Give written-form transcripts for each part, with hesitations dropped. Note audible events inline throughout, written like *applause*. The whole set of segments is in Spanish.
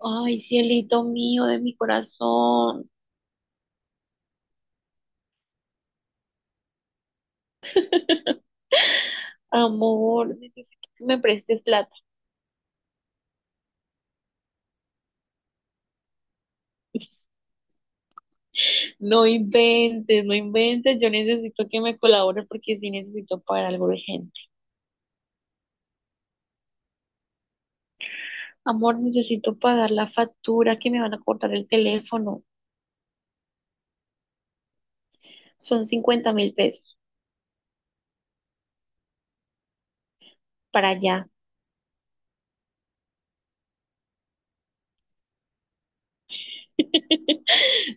Ay, cielito mío de mi corazón. *laughs* Amor, necesito que me prestes plata. No inventes, no inventes. Yo necesito que me colabores porque sí necesito pagar algo urgente. Amor, necesito pagar la factura que me van a cortar el teléfono. Son 50.000 pesos para allá. *laughs*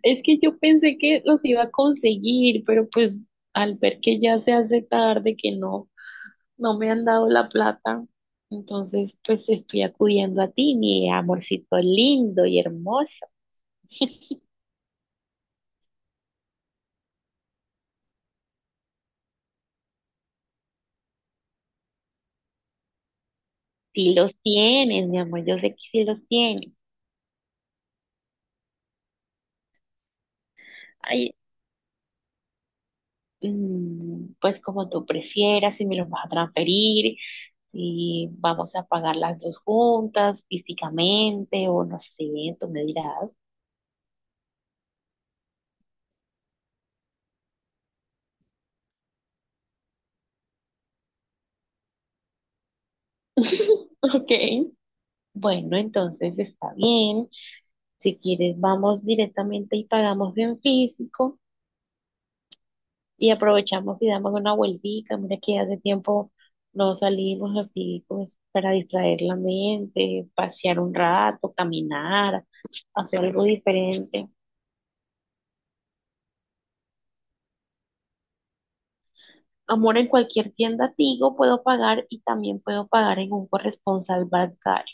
Es que yo pensé que los iba a conseguir, pero pues al ver que ya se hace tarde, que no No me han dado la plata, entonces pues estoy acudiendo a ti, mi amorcito lindo y hermoso. Si los tienes, mi amor, yo sé que sí los tienes. Ay, pues como tú prefieras, si me los vas a transferir, si vamos a pagar las dos juntas físicamente o no sé, tú me dirás. *laughs* Ok, bueno, entonces está bien. Si quieres, vamos directamente y pagamos en físico, y aprovechamos y damos una vueltica. Mira que hace tiempo no salimos así pues para distraer la mente, pasear un rato, caminar, hacer algo diferente. Amor, en cualquier tienda Tigo puedo pagar y también puedo pagar en un corresponsal bancario.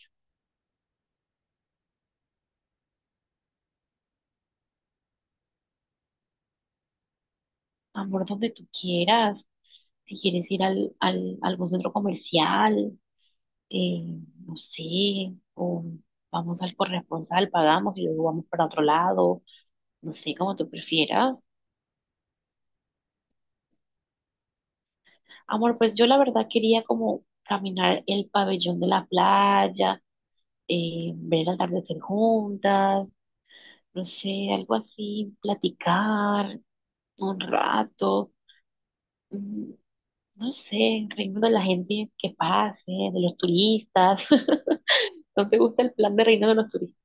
Amor, donde tú quieras. Si quieres ir algún centro comercial, eh, no sé, o vamos al corresponsal, pagamos y luego vamos para otro lado, no sé, como tú prefieras. Amor, pues yo la verdad quería como caminar el pabellón de la playa, ver el atardecer juntas, no sé, algo así, platicar un rato, mm, no sé, reírnos de la gente que pase, de los turistas. *laughs* ¿No te gusta el plan de reino de los turistas?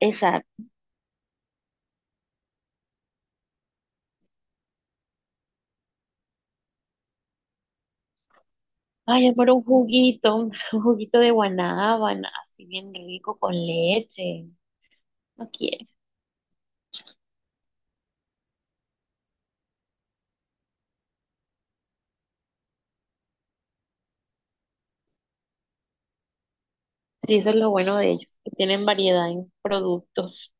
Exacto. Ay, amor, un juguito, *laughs* un juguito de guanábana, así bien rico con leche. ¿No quieres? Sí, eso es lo bueno de ellos, que tienen variedad en productos.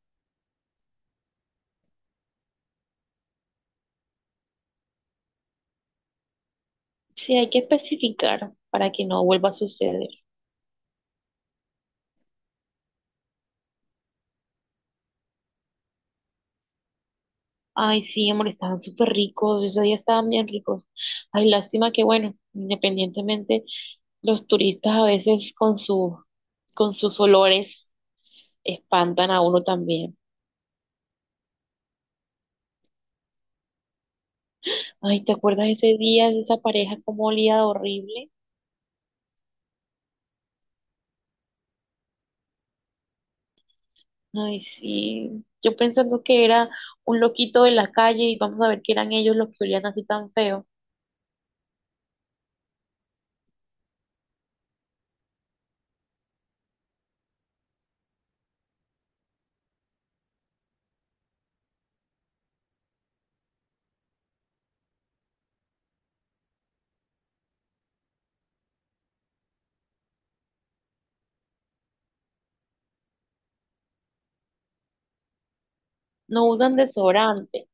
Sí, hay que especificar para que no vuelva a suceder. Ay, sí, amor, estaban súper ricos, esos días estaban bien ricos. Ay, lástima que, bueno, independientemente, los turistas a veces con sus olores espantan a uno también. Ay, ¿te acuerdas ese día de esa pareja como olía de horrible? Ay, sí, yo pensando que era un loquito de la calle y vamos a ver que eran ellos los que olían así tan feo. No usan desodorante.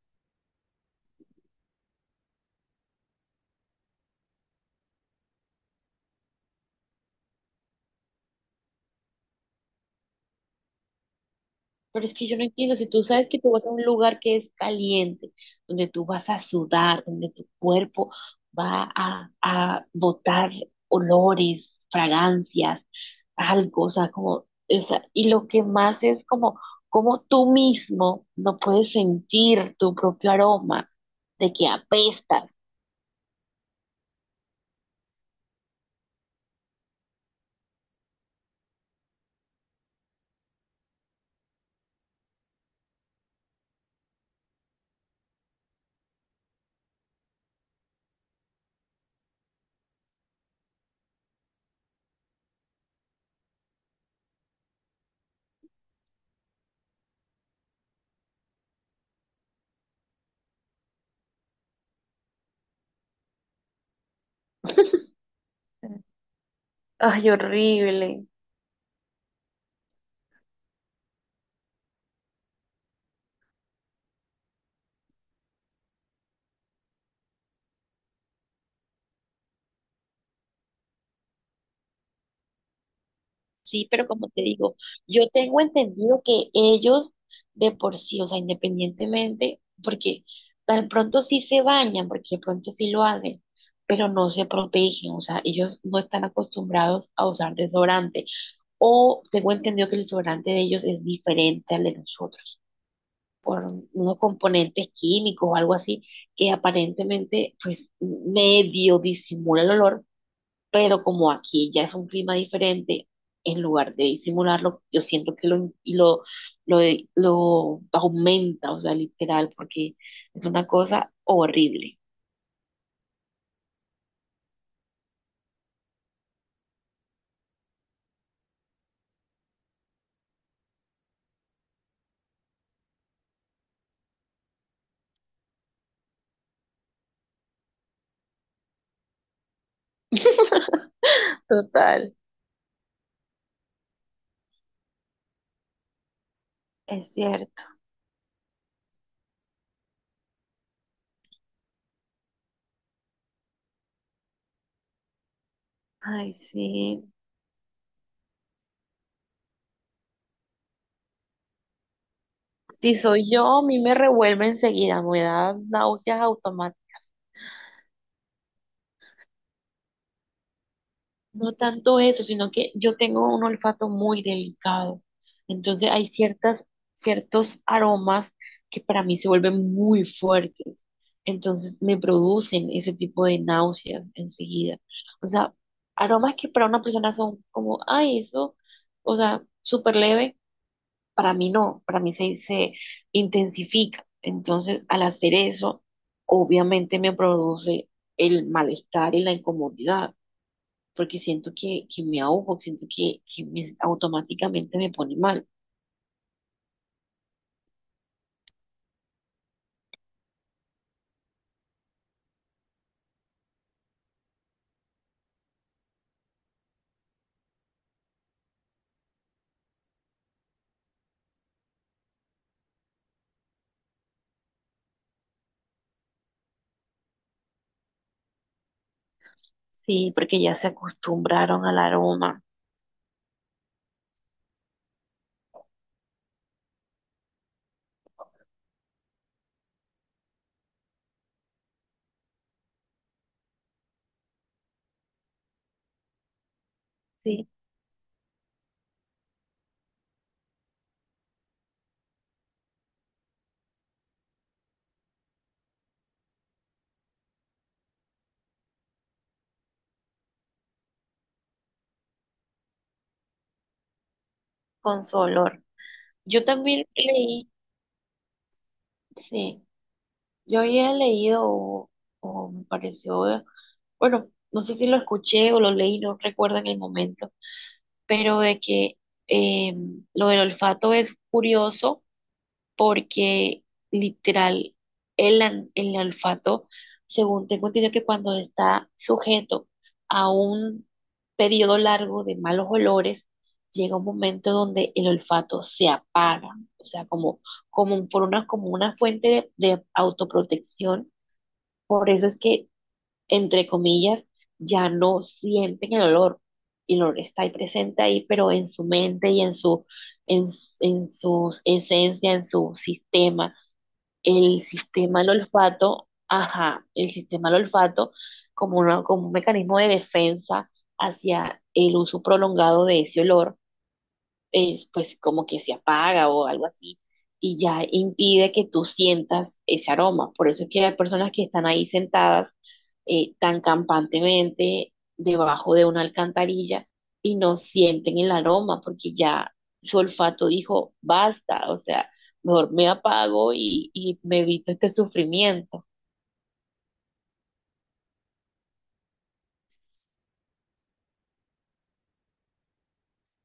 Pero es que yo no entiendo, si tú sabes que tú vas a un lugar que es caliente, donde tú vas a sudar, donde tu cuerpo a botar olores, fragancias, algo, o sea, como, o sea, y lo que más es como, como tú mismo no puedes sentir tu propio aroma de que apestas. *laughs* Ay, horrible. Sí, pero como te digo, yo tengo entendido que ellos de por sí, o sea, independientemente, porque tan pronto sí se bañan, porque de pronto sí lo hacen, pero no se protegen, o sea, ellos no están acostumbrados a usar desodorante. O tengo entendido que el desodorante de ellos es diferente al de nosotros, por unos componentes químicos o algo así, que aparentemente pues medio disimula el olor, pero como aquí ya es un clima diferente, en lugar de disimularlo, yo siento que lo, lo aumenta, o sea, literal, porque es una cosa horrible. *laughs* Total, es cierto. Ay, sí. Si soy yo, a mí me revuelve enseguida, me da náuseas automáticas. No tanto eso, sino que yo tengo un olfato muy delicado. Entonces hay ciertos aromas que para mí se vuelven muy fuertes. Entonces me producen ese tipo de náuseas enseguida. O sea, aromas que para una persona son como, ay, eso, o sea, súper leve, para mí no, se intensifica. Entonces, al hacer eso, obviamente me produce el malestar y la incomodidad porque siento que me ahogo, siento que me- automáticamente me pone mal. Sí, porque ya se acostumbraron al aroma, sí, con su olor. Yo también leí, sí, yo había leído o me pareció, bueno, no sé si lo escuché o lo leí, no recuerdo en el momento, pero de que eh, lo del olfato es curioso porque literal el olfato, según tengo entendido que cuando está sujeto a un periodo largo de malos olores, llega un momento donde el olfato se apaga, o sea, como, como por una, como una fuente de autoprotección, por eso es que, entre comillas, ya no sienten el olor. Y el olor está ahí presente ahí, pero en su mente y en su esencia, en su sistema. El sistema del olfato, ajá, el sistema del olfato como, como un mecanismo de defensa hacia el uso prolongado de ese olor es, pues como que se apaga o algo así y ya impide que tú sientas ese aroma. Por eso es que hay personas que están ahí sentadas tan campantemente debajo de una alcantarilla y no sienten el aroma porque ya su olfato dijo, basta, o sea, mejor me apago y me evito este sufrimiento.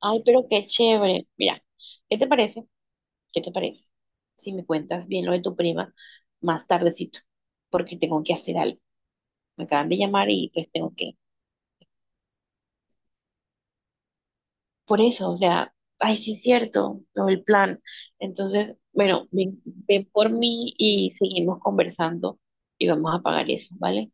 Ay, pero qué chévere. Mira, ¿qué te parece? ¿Qué te parece? Si me cuentas bien lo de tu prima más tardecito, porque tengo que hacer algo. Me acaban de llamar y pues tengo que. Por eso, o sea, ay, sí es cierto, lo del plan. Entonces, bueno, ven, ven por mí y seguimos conversando y vamos a pagar eso, ¿vale?